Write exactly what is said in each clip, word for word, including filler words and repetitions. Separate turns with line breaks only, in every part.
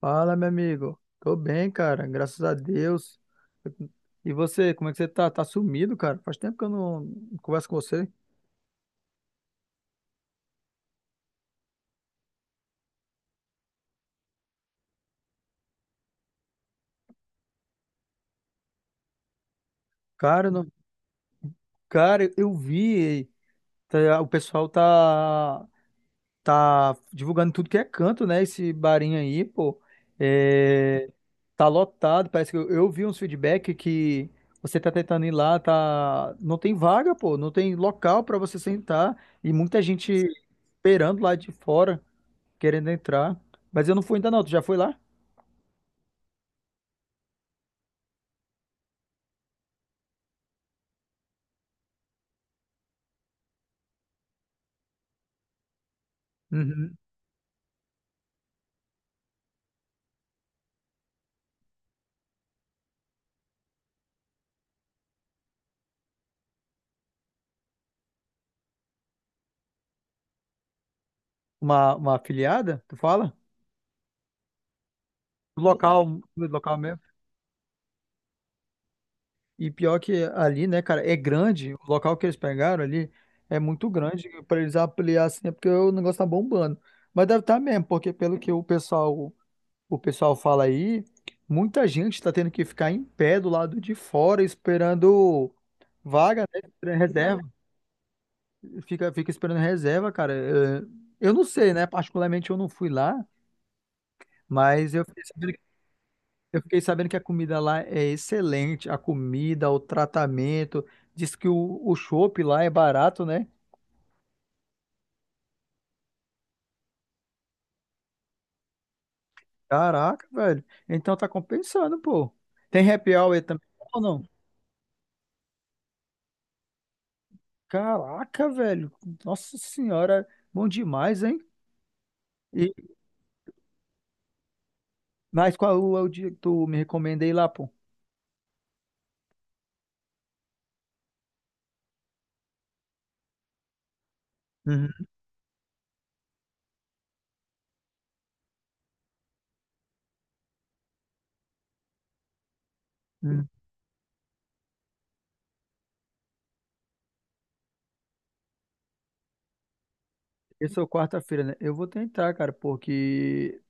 Fala, meu amigo. Tô bem, cara, graças a Deus. E você, como é que você tá? Tá sumido, cara? Faz tempo que eu não não converso com você. Cara, eu não... cara, eu vi, tá- o pessoal tá tá divulgando tudo que é canto, né? Esse barinho aí, pô. É. Tá lotado, parece que eu, eu vi uns feedback que você tá tentando ir lá, tá não tem vaga, pô, não tem local pra você sentar e muita gente esperando lá de fora, querendo entrar. Mas eu não fui ainda não, tu já foi lá? Uhum. Uma, uma afiliada, tu fala? Do local, do local mesmo. E pior que ali, né, cara, é grande, o local que eles pegaram ali é muito grande pra eles ampliar assim, é porque o negócio tá bombando. Mas deve estar mesmo, porque pelo que o pessoal, o pessoal fala aí, muita gente tá tendo que ficar em pé do lado de fora esperando vaga, né, reserva, fica, fica esperando reserva, cara. Eh, Eu não sei, né, particularmente eu não fui lá. Mas eu fiquei sabendo que, eu fiquei sabendo que a comida lá é excelente. A comida, o tratamento. Diz que o, o chopp lá é barato, né? Caraca, velho. Então tá compensando, pô. Tem happy hour também ou não? Caraca, velho. Nossa senhora. Bom demais, hein? E, mas qual é o dia que tu me recomendei lá, pô? Uhum. Uhum. Esse é o quarta-feira, né? Eu vou tentar, cara, porque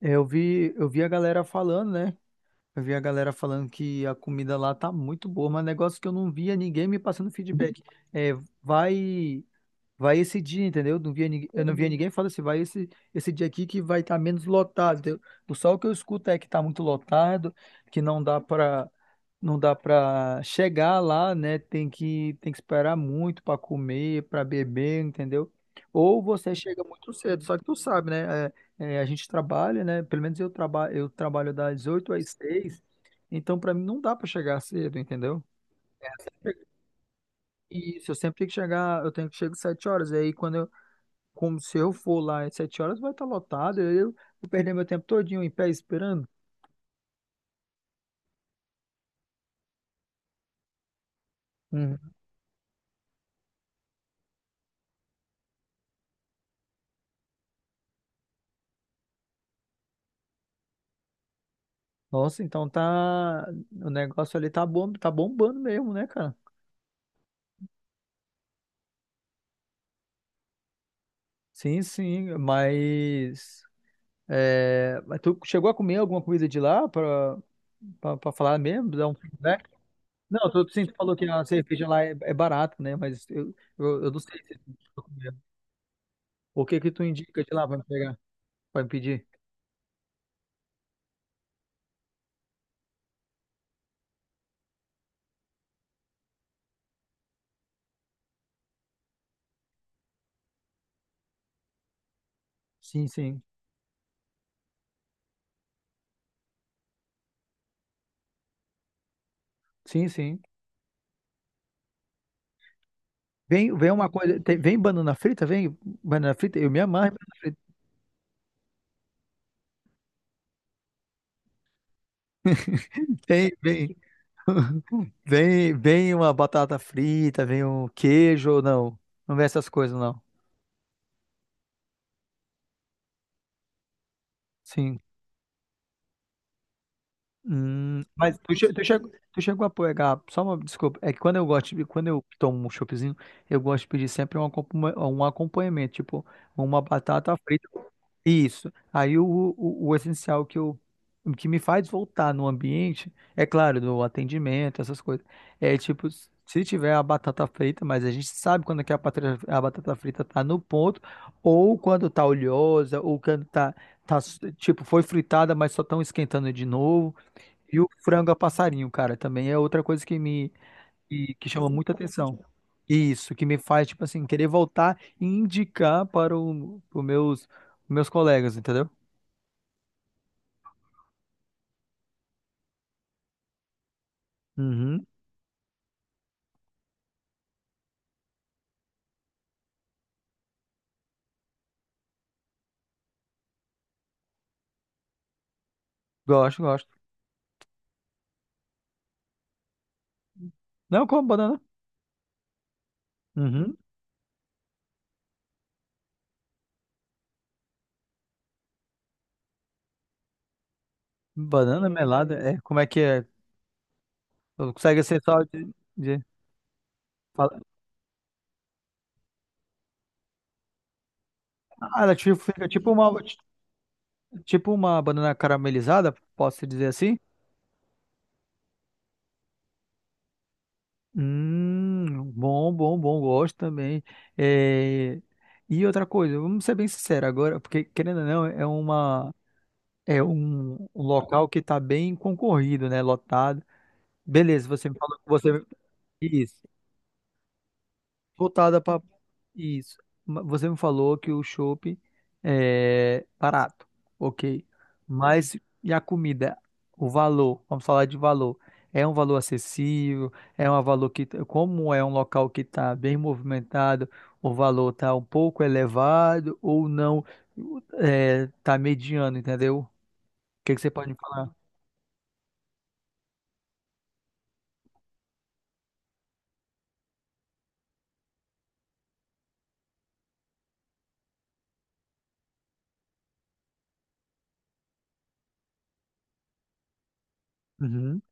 eu vi, eu vi a galera falando, né? Eu vi a galera falando que a comida lá tá muito boa, mas negócio que eu não via ninguém me passando feedback. É, vai. Vai esse dia, entendeu? Não via ninguém, eu não via, uhum, ninguém falando assim, vai esse, esse dia aqui que vai estar menos lotado, entendeu? O Só o que eu escuto é que está muito lotado, que não dá para não dá para chegar lá, né? Tem que tem que esperar muito para comer, para beber, entendeu? Ou você chega muito cedo, só que tu sabe, né? é, é, a gente trabalha, né? Pelo menos eu trabalho, eu trabalho das oito às seis, então para mim não dá para chegar cedo, entendeu? Isso, eu sempre tenho que chegar, eu tenho que chegar às sete horas, e aí quando eu como se eu for lá às sete horas, vai estar lotado. Eu vou perder meu tempo todinho em pé esperando. Uhum. Nossa, então tá. O negócio ali tá bom, tá bombando mesmo, né, cara? Sim, sim, mas. É, mas tu chegou a comer alguma comida de lá pra, pra, pra falar mesmo, dar um feedback? Não, tu, sim, tu falou que a cerveja lá é, é barata, né? Mas eu, eu, eu não sei se tu chegou a comer. O que que tu indica de lá pra me pegar, pra me pedir? Sim, sim. Sim, sim. Vem, vem uma coisa. Tem- vem banana frita? Vem banana frita? Eu me amarro em banana frita. Vem, vem. Vem, vem uma batata frita, vem um queijo ou não. Não vem essas coisas, não. Sim. Hum, mas tu, che- tu, chegou, tu chegou a pegar, só uma desculpa, é que quando eu gosto, de- quando eu tomo um choppzinho, eu gosto de pedir sempre um, acompanha- um acompanhamento, tipo uma batata frita. Isso. Aí o, o, o essencial que eu que me faz voltar no ambiente, é claro, do atendimento, essas coisas. É tipo, se tiver a batata frita, mas a gente sabe quando é que a batata, a batata frita tá no ponto, ou quando tá oleosa, ou quando tá, tá tipo, foi fritada, mas só estão esquentando de novo. E o frango a passarinho, cara, também é outra coisa que me que, que chama muita atenção. Isso, que me faz, tipo assim, querer voltar e indicar para o, os meus, meus colegas, entendeu? Uhum, gosto, gosto. Não, como banana. Uhum, banana melada, é, como é que é? Não consegue ser só de, de- fala- Ah, ela tipo, fica tipo uma, tipo uma banana caramelizada, posso dizer assim? Hum, bom, bom, bom, gosto também. É, e outra coisa, vamos ser bem sinceros agora, porque querendo ou não, é uma é um, um local que está bem concorrido, né? Lotado. Beleza, você me falou que você isso voltada para isso. Ma- Você me falou que o chopp é barato, ok. Mas e a comida? O valor, vamos falar de valor. É um valor acessível? É um valor que, como é um local que está bem movimentado, o valor está um pouco elevado ou não? Está mediano, entendeu? que que você pode me falar? Uhum.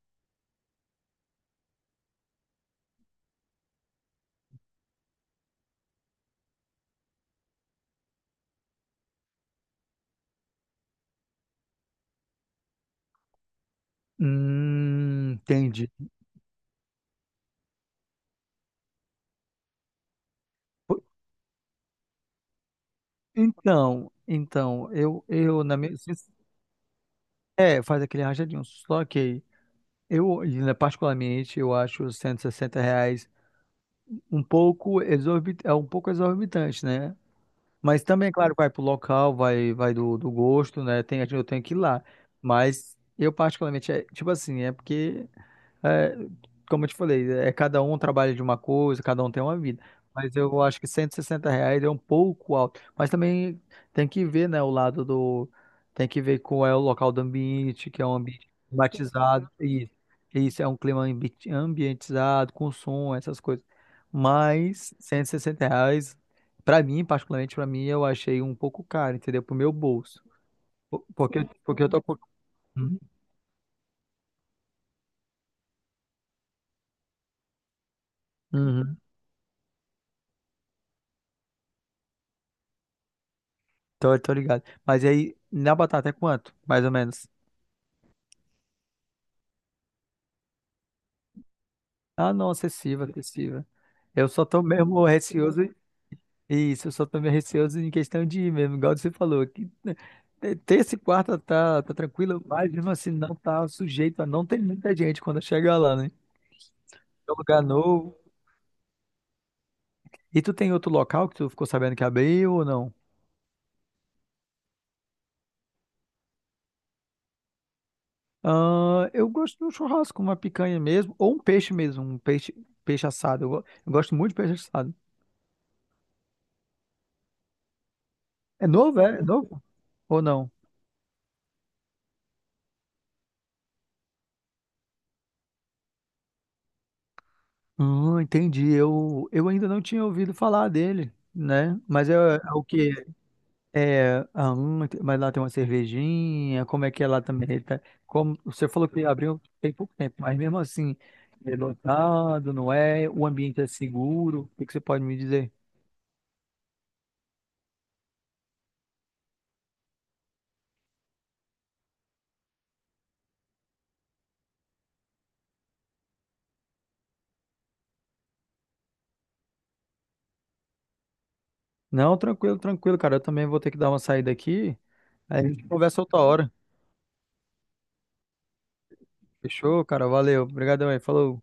Hum, entendi. Po- Então, então, eu, eu na minha, sin- é, faz aquele rachadinho, só que eu, né, particularmente, eu acho os cento e sessenta reais um pouco exorbit, é um pouco exorbitante, né? Mas também, claro, vai pro local, vai, vai do, do gosto, né? Tem, eu tenho que ir lá. Mas eu particularmente, é, tipo assim, é porque é, como eu te falei, é cada um trabalha de uma coisa, cada um tem uma vida. Mas eu acho que cento e sessenta reais é um pouco alto. Mas também tem que ver, né, o lado do. Tem que ver qual é o local do ambiente, que é um ambiente climatizado. Isso, isso é um clima ambi- ambientizado, com som, essas coisas. Mas cento e sessenta reais, pra mim, particularmente pra mim, eu achei um pouco caro, entendeu? Pro meu bolso. Po- Porque, porque eu tô. com- Uhum. Tô, tô ligado. Mas aí, na batata é quanto? Mais ou menos. Ah, não, acessível, acessível. Eu só tô mesmo receoso. Isso, eu só tô meio receoso em questão de ir mesmo, igual você falou. Que te- terça e quarta tá, tá, tranquilo, mas mesmo assim não tá sujeito a não ter muita gente quando chegar lá, né? É um lugar novo. E tu tem outro local que tu ficou sabendo que abriu ou não? Ah, eu gosto de um churrasco, uma picanha mesmo, ou um peixe mesmo, um peixe, peixe assado. Eu, go- eu gosto muito de peixe assado. É novo, é? É novo? Ou não? Hum, entendi. Eu, eu ainda não tinha ouvido falar dele, né? Mas é, é o que é, ah, hum, mas lá tem uma cervejinha, como é que é lá também? Ele tá- como você falou que abriu tem pouco tempo, mas mesmo assim, é lotado, não é? O ambiente é seguro. O que que você pode me dizer? Não, tranquilo, tranquilo, cara. Eu também vou ter que dar uma saída aqui. Aí a gente conversa outra hora. Fechou, cara? Valeu. Obrigadão aí. Falou.